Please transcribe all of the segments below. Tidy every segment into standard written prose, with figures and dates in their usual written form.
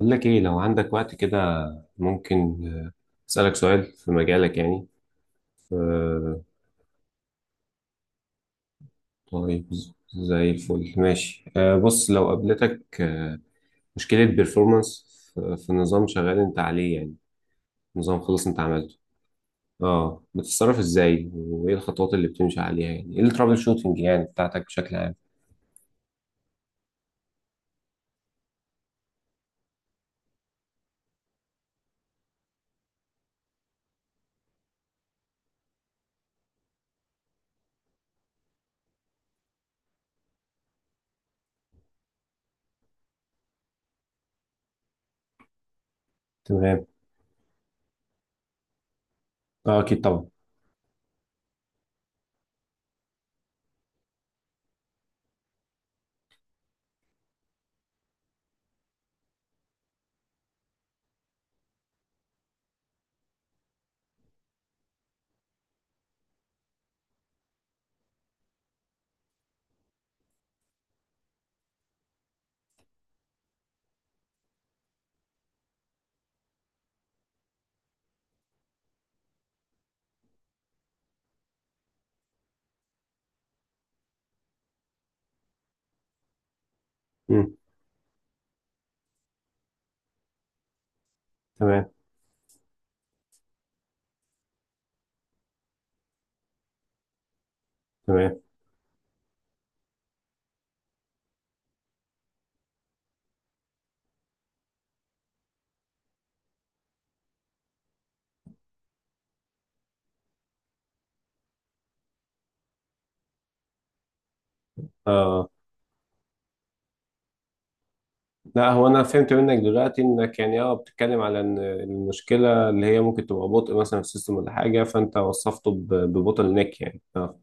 بقول لك ايه لو عندك وقت كده ممكن اسالك سؤال في مجالك يعني. آه، طيب، زي الفل ماشي، بص لو قابلتك مشكله بيرفورمانس في نظام شغال انت عليه، يعني نظام خلاص انت عملته، اه بتتصرف ازاي وايه الخطوات اللي بتمشي عليها، يعني ايه الترابل شوتنج يعني بتاعتك بشكل عام؟ تمام. اه اكيد طبعا. مم. تمام، تمام. آه. لا، هو انا فهمت منك دلوقتي انك يعني بتتكلم على ان المشكله اللي هي ممكن تبقى بطء مثلا في السيستم ولا حاجه، فانت وصفته ببوتل نيك يعني اه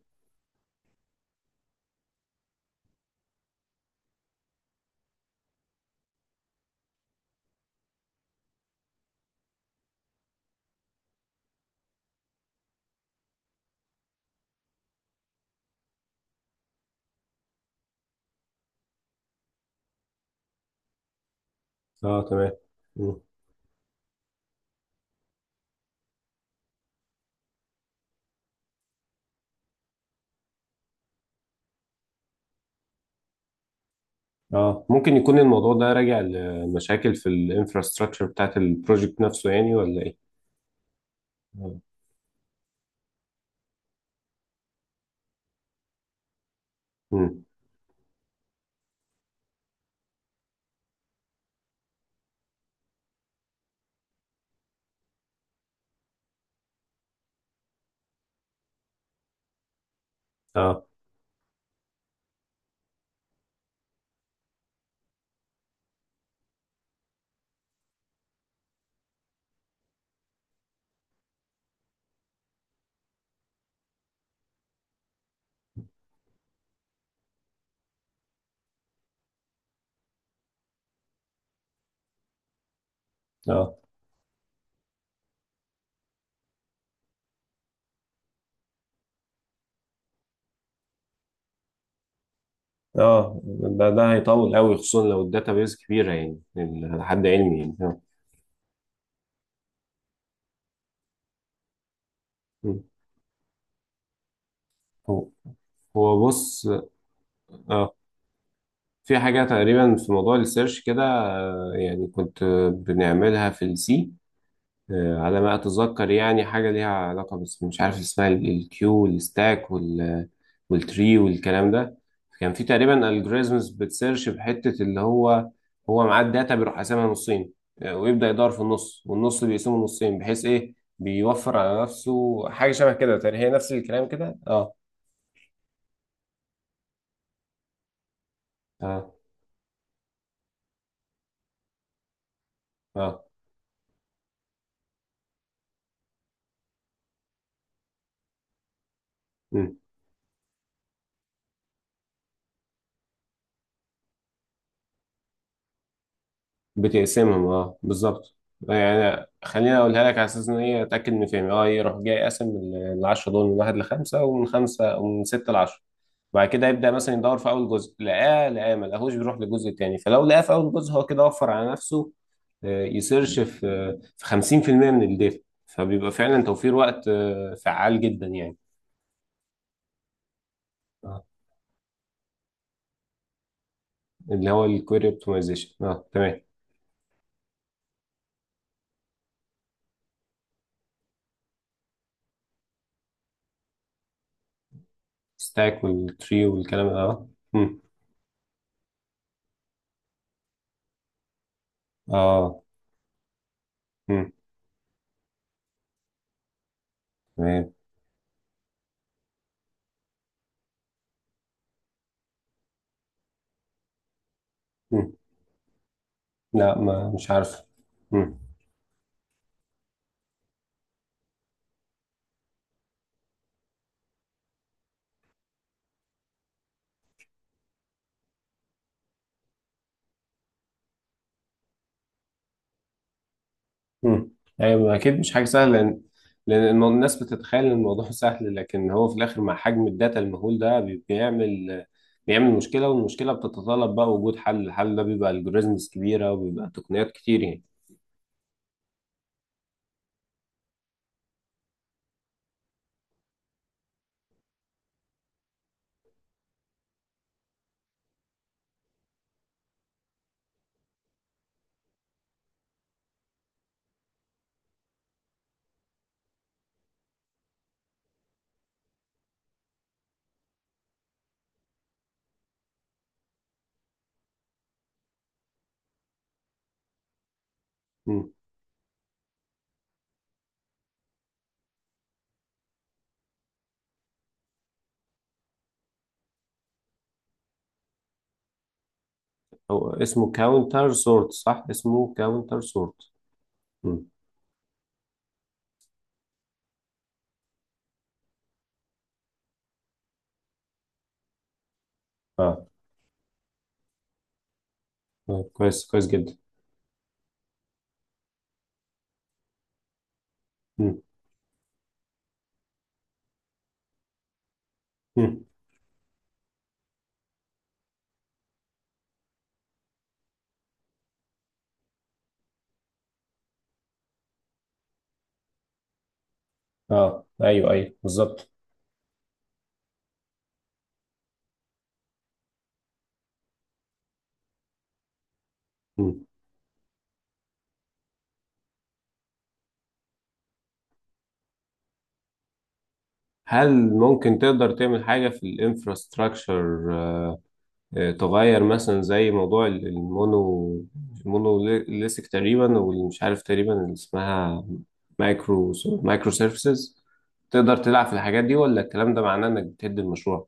اه، تمام. مم. اه، ممكن يكون الموضوع ده راجع لمشاكل في الانفراستراكشر بتاعت البروجكت نفسه، يعني ولا ايه؟ مم. مم. اه، اه، اه. ده هيطول قوي، خصوصا لو الداتا بيز كبيره يعني، على حد علمي يعني. مم. هو هو بص، اه في حاجة تقريبا في موضوع السيرش كده، يعني كنت بنعملها في السي، على ما أتذكر، يعني حاجة ليها علاقة بس مش عارف اسمها، الكيو والستاك والتري والكلام ده. كان في تقريبا الجوريزمز بتسيرش بحتة، اللي هو معاه الداتا بيروح قاسمها نصين، ويبدأ يدور في النص، والنص بيقسمه نصين، بحيث إيه بيوفر على نفسه، حاجة شبه كده تقريبا، هي نفس الكلام كده اه اه، اه. بتقسمهم بالظبط. يعني خليني اقولها لك على اساس ان هي اتاكد من فهمي، يروح جاي قاسم العشرة دول من واحد لخمسه، ومن خمسه، ومن سته لعشره. وبعد كده يبدا مثلا يدور في اول جزء، لقاه ما لقاهوش، بيروح للجزء التاني، فلو لقاه في اول جزء هو كده وفر على نفسه، يسيرش في في 50% من الداتا، فبيبقى فعلا توفير وقت، فعال جدا يعني. آه، اللي هو الكويري اوبتمايزيشن، تمام. ستاك والتري والكلام ده. اه مم. اه. مم. تمام. لا، ما مش عارف. مم. مم. ايوه اكيد مش حاجه سهله، لان الناس بتتخيل ان الموضوع سهل، لكن هو في الاخر مع حجم الداتا المهول ده بيعمل مشكله، والمشكله بتتطلب بقى وجود حل. الحل ده بيبقى الجوريزمز كبيره، وبيبقى تقنيات كتير يعني. مم. هو اسمه كاونتر سورت، صح؟ اسمه كاونتر سورت. مم. اه كويس، كويس جدا. مم. مم. اه، ايوه، ايوه بالظبط. مم. هل ممكن تقدر تعمل حاجه في الانفراستراكشر، تغير مثلا زي موضوع المونوليثك تقريبا، واللي مش عارف تقريبا اللي اسمها مايكرو مايكرو سيرفيسز؟ تقدر تلعب في الحاجات دي، ولا الكلام ده معناه انك بتهد المشروع؟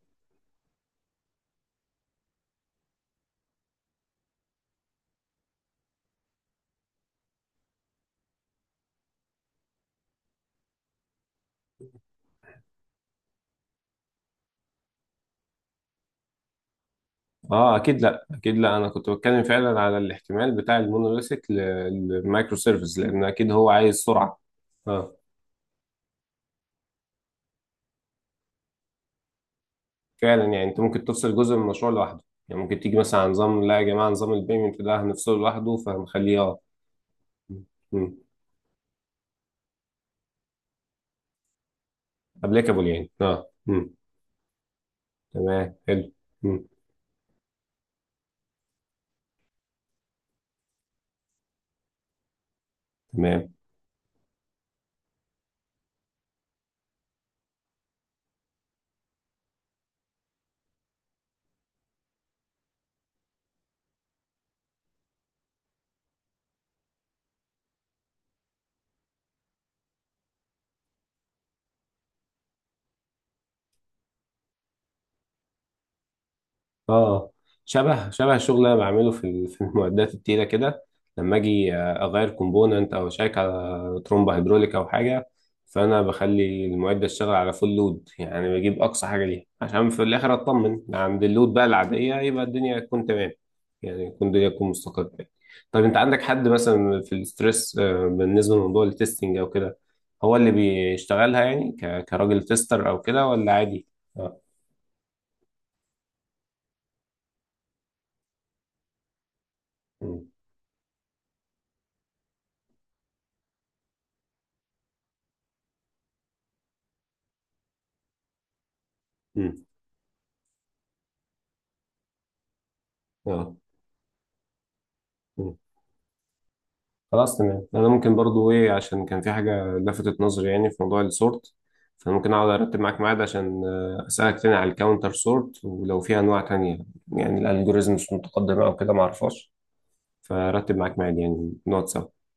اه، اكيد لا، اكيد لا. انا كنت بتكلم فعلا على الاحتمال بتاع المونوليثك للمايكرو سيرفيس، لان اكيد هو عايز سرعه. اه فعلا، يعني انت ممكن تفصل جزء من المشروع لوحده، يعني ممكن تيجي مثلا على نظام، لا يا جماعه نظام البيمنت ده هنفصله لوحده، فهنخليه ابليكابل يعني. اه مم. تمام، حلو. مم. تمام. اه شبه شبه الشغل اللي انا بعمله في في المعدات التقيله كده، لما اجي اغير كومبوننت او اشيك على ترومبه هيدروليك او حاجه، فانا بخلي المعده تشتغل على فول لود، يعني بجيب اقصى حاجه ليها عشان في الاخر اطمن عند اللود بقى العاديه يبقى الدنيا تكون تمام، يعني تكون الدنيا تكون مستقره يعني. طب انت عندك حد مثلا في الستريس، بالنسبه لموضوع التستنج او كده، هو اللي بيشتغلها يعني كراجل تيستر او كده، ولا عادي؟ مم. مم. اه. مم. خلاص، تمام. انا ممكن برضو ايه، عشان كان في حاجه لفتت نظري يعني في موضوع السورت، فانا ممكن اقعد ارتب معاك ميعاد عشان اسالك تاني على الكاونتر سورت، ولو في انواع تانية يعني الالجوريزمز متقدمه او كده ما اعرفهاش، فرتب معاك ميعاد يعني نقعد سوا.